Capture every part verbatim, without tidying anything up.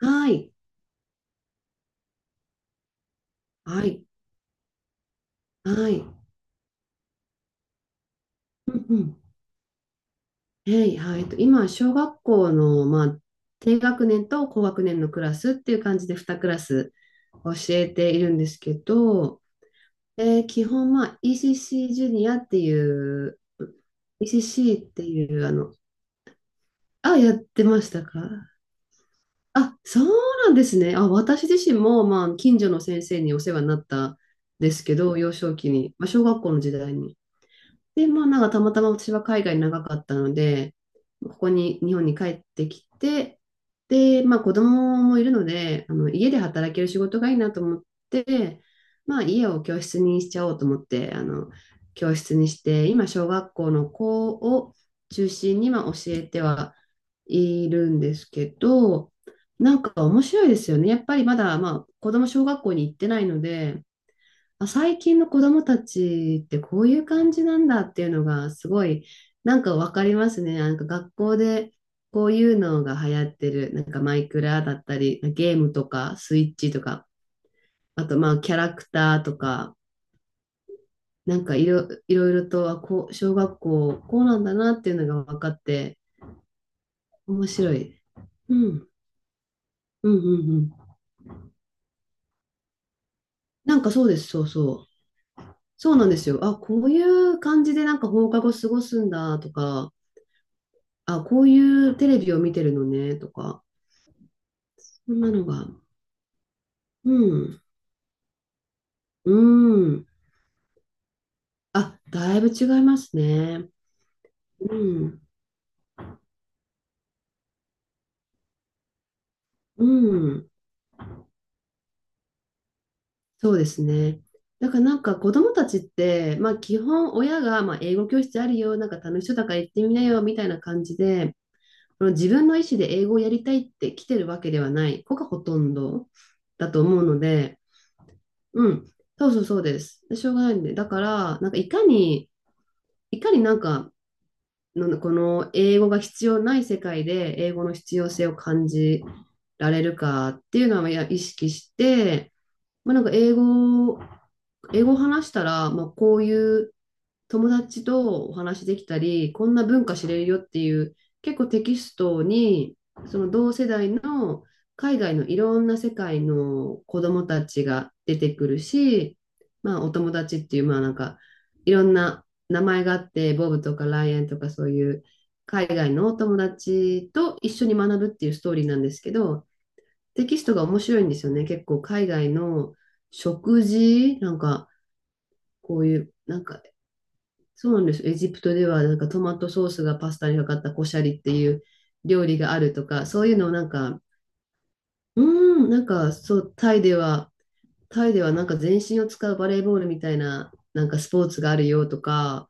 はい、はい、はい。うんうん。えい、はい。えっと今、小学校の、まあ、低学年と高学年のクラスっていう感じでにクラス教えているんですけど、えー基本、まあ、イーシーシー ジュニアっていう、イーシーシー っていう、あの、あ、やってましたか。あ、そうなんですね。あ、私自身も、まあ、近所の先生にお世話になったんですけど、幼少期に、まあ、小学校の時代に。で、まあなんかたまたま私は海外長かったので、ここに日本に帰ってきて、で、まあ子供もいるので、あの家で働ける仕事がいいなと思って、まあ家を教室にしちゃおうと思って、あの教室にして、今小学校の子を中心にまあ教えてはいるんですけど、なんか面白いですよね。やっぱりまだまあ子供小学校に行ってないので、あ、最近の子供たちってこういう感じなんだっていうのがすごいなんかわかりますね。なんか学校でこういうのが流行ってる。なんかマイクラだったり、ゲームとかスイッチとか、あとまあキャラクターとか、なんかいろ、いろいろとあこう、小学校こうなんだなっていうのが分かって面白い。うん、うん、うん、うん。なんかそうです、そうそう。そうなんですよ。あ、こういう感じでなんか放課後過ごすんだとか、あ、こういうテレビを見てるのね、とか、そんなのが、うん、うん。あ、だいぶ違いますね。うん、うん、そうですね。だからなんか子供たちって、まあ基本親が、まあ、英語教室あるよ、なんか楽しそうだから行ってみなよ、みたいな感じで、この自分の意思で英語をやりたいって来てるわけではない子がほとんどだと思うので、うん、そうそうそうです。しょうがないんで、だから、なんかいかに、いかになんかのこの英語が必要ない世界で英語の必要性を感じられるかっていうのはや意識して、まあ、なんか英語を、英語を話したら、まあ、こういう友達とお話できたり、こんな文化知れるよっていう、結構テキストに、その同世代の海外のいろんな世界の子供たちが出てくるし、まあお友達っていう、まあなんかいろんな名前があって、ボブとかライアンとかそういう海外のお友達と一緒に学ぶっていうストーリーなんですけど、テキストが面白いんですよね。結構海外の食事、なんかこういう、なんかそうなんです。エジプトではなんかトマトソースがパスタにかかったコシャリっていう料理があるとか、そういうのをなんか、うーん、なんかそう、タイでは、タイではなんか全身を使うバレーボールみたいな、なんかスポーツがあるよとか、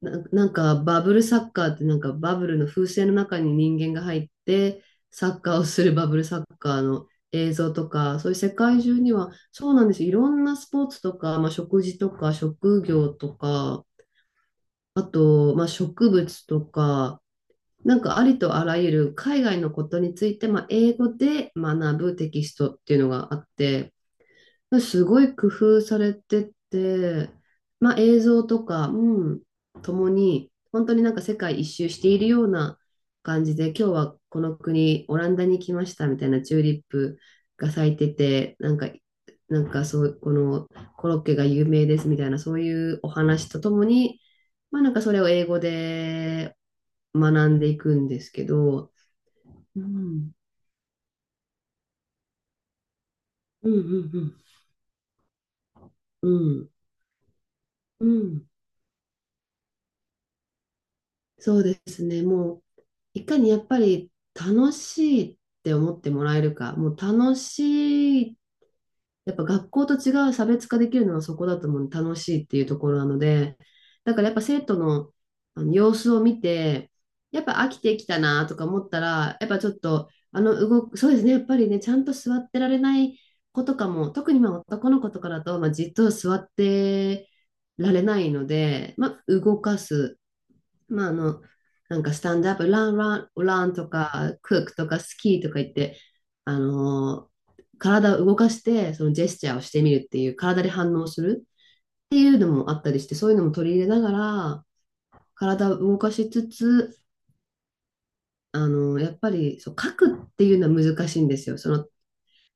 な、なんかバブルサッカーってなんかバブルの風船の中に人間が入って、サッカーをするバブルサッカーの映像とか、そういう世界中には、そうなんです。いろんなスポーツとか、まあ、食事とか、職業とか、あと、まあ、植物とか、なんかありとあらゆる海外のことについて、まあ、英語で学ぶテキストっていうのがあって、すごい工夫されてて、まあ、映像とか、うん、ともに、本当になんか世界一周しているような感じで、今日はこの国、オランダに来ましたみたいなチューリップが咲いてて、なんか、なんかそう、このコロッケが有名ですみたいな、そういうお話とともに、まあなんかそれを英語で学んでいくんですけど、うん、うん、うん、うん、うん、うんそうですね、もう。いかにやっぱり楽しいって思ってもらえるか、もう楽しい、やっぱ学校と違う差別化できるのはそこだと思う、楽しいっていうところなので、だからやっぱ生徒の、あの様子を見て、やっぱ飽きてきたなとか思ったら、やっぱちょっと、あの動く、そうですね、やっぱりね、ちゃんと座ってられない子とかも、特にまあ男の子とかだと、まあ、じっと座ってられないので、まあ、動かす。まあ、あの、なんかスタンドアップ、ラン、ラン、ランとか、クックとか、スキーとか言って、あのー体を動かして、そのジェスチャーをしてみるっていう、体で反応するっていうのもあったりして、そういうのも取り入れながら、体を動かしつつ、あのーやっぱりそう書くっていうのは難しいんですよ。その、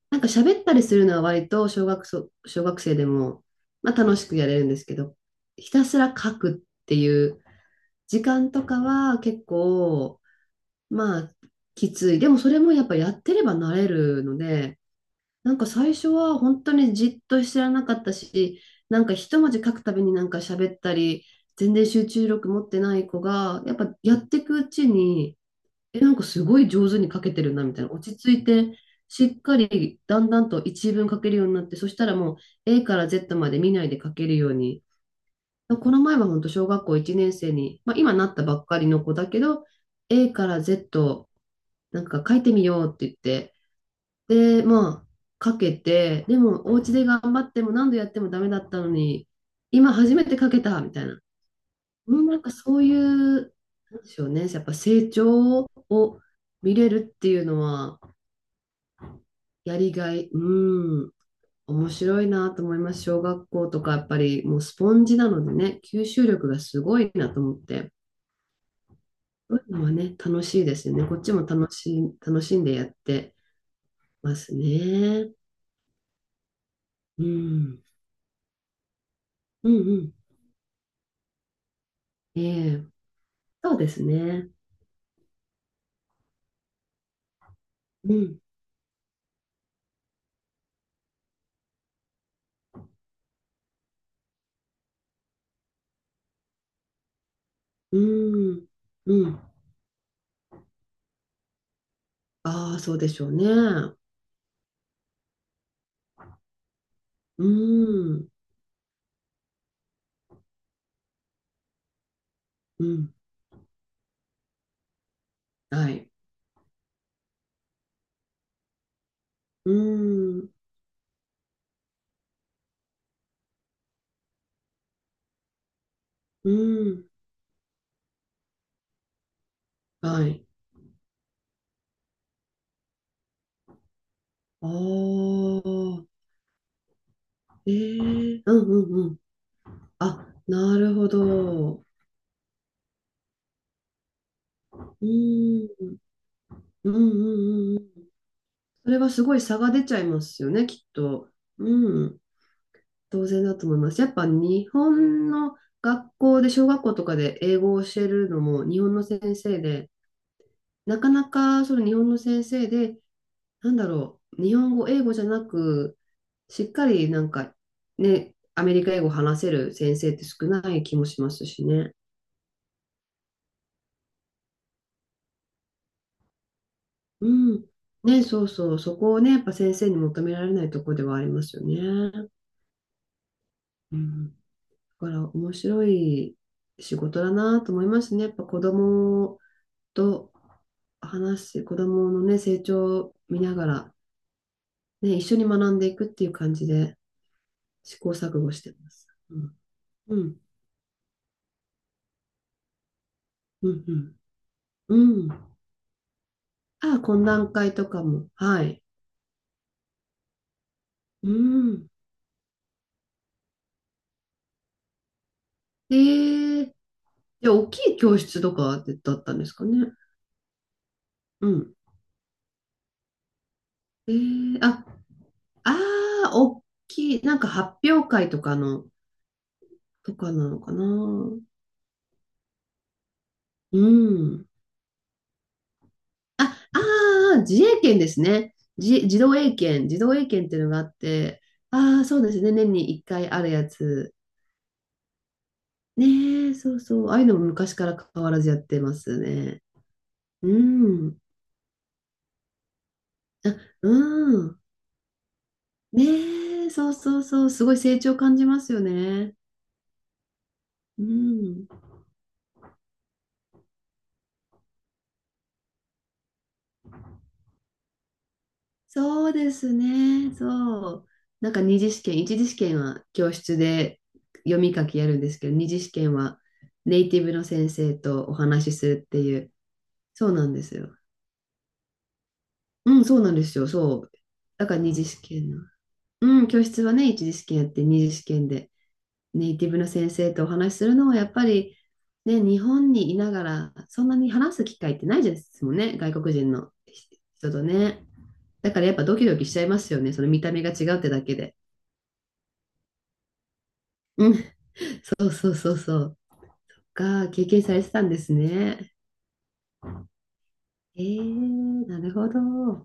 なんか喋ったりするのは割と小学そ、小学生でも、まあ、楽しくやれるんですけど、ひたすら書くっていう時間とかは結構、まあ、きつい。でもそれもやっぱやってれば慣れるので、なんか最初は本当にじっとしてらなかったし、なんか一文字書くたびになんか喋ったり、全然集中力持ってない子が、やっぱやっていくうちに、え、なんかすごい上手に書けてるなみたいな、落ち着いて、しっかりだんだんと一文書けるようになって、そしたらもう A から ゼット まで見ないで書けるように。この前は本当小学校いちねん生に、まあ、今なったばっかりの子だけど、A から Z なんか書いてみようって言って、で、まあ、書けて、でも、お家で頑張っても何度やってもダメだったのに、今初めて書けたみたいな。うんなんかそういう、なんでしょうね、やっぱ成長を見れるっていうのは、やりがい、うん、面白いなと思います。小学校とか、やっぱりもうスポンジなのでね、吸収力がすごいなと思って、そういうのはね、楽しいですよね。こっちも楽しい、楽しんでやってますね。うん。うんうん。ええ、そうですね。うん、うん、うん。ああ、そうでしょうね。うん、うん、はい。うん、うん、はい。ああ、ええ、うん、うん、うん。あ、なるほど。うん、うん、うん、うん。うんそれはすごい差が出ちゃいますよね、きっと。うん、当然だと思います。やっぱ日本の学校で、小学校とかで英語を教えるのも、日本の先生で、なかなかその日本の先生で、なんだろう、日本語、英語じゃなく、しっかりなんかね、アメリカ英語を話せる先生って少ない気もしますしね。うん。ね、そうそう、そこをね、やっぱ先生に求められないところではありますよね。うん。だから面白い仕事だなと思いますね。やっぱ子供と話し、子供のね、成長を見ながら、ね、一緒に学んでいくっていう感じで試行錯誤してます。うんうん、うん、うん、うん。ああ、懇談会とかも。はい。うん。ええ、じゃあ、大きい教室とかだったんですかね。うん。ええ、あ、ああ、大きい、なんか発表会とかの、とかなのかな。うん。あ、ああ、自衛権ですね。自、自動英検、自動英検っていうのがあって、ああ、そうですね。年にいっかいあるやつ。ねえ、そうそう。ああいうのも昔から変わらずやってますね。うん。あ、うん。ねえ、そうそうそう。すごい成長感じますよね。うん。そうですね。そう。なんか二次試験、一次試験は教室で読み書きやるんですけど、二次試験はネイティブの先生とお話しするっていう。そうなんですよ。うん、そうなんですよ。そう。だから二次試験の。うん、教室はね、一次試験やって、二次試験でネイティブの先生とお話しするのはやっぱり、ね、日本にいながらそんなに話す機会ってないですもんね、外国人の人とね。だからやっぱドキドキしちゃいますよね、その見た目が違うってだけで。うん、そうそうそうそう。が経験されてたんですね。えー、なるほど。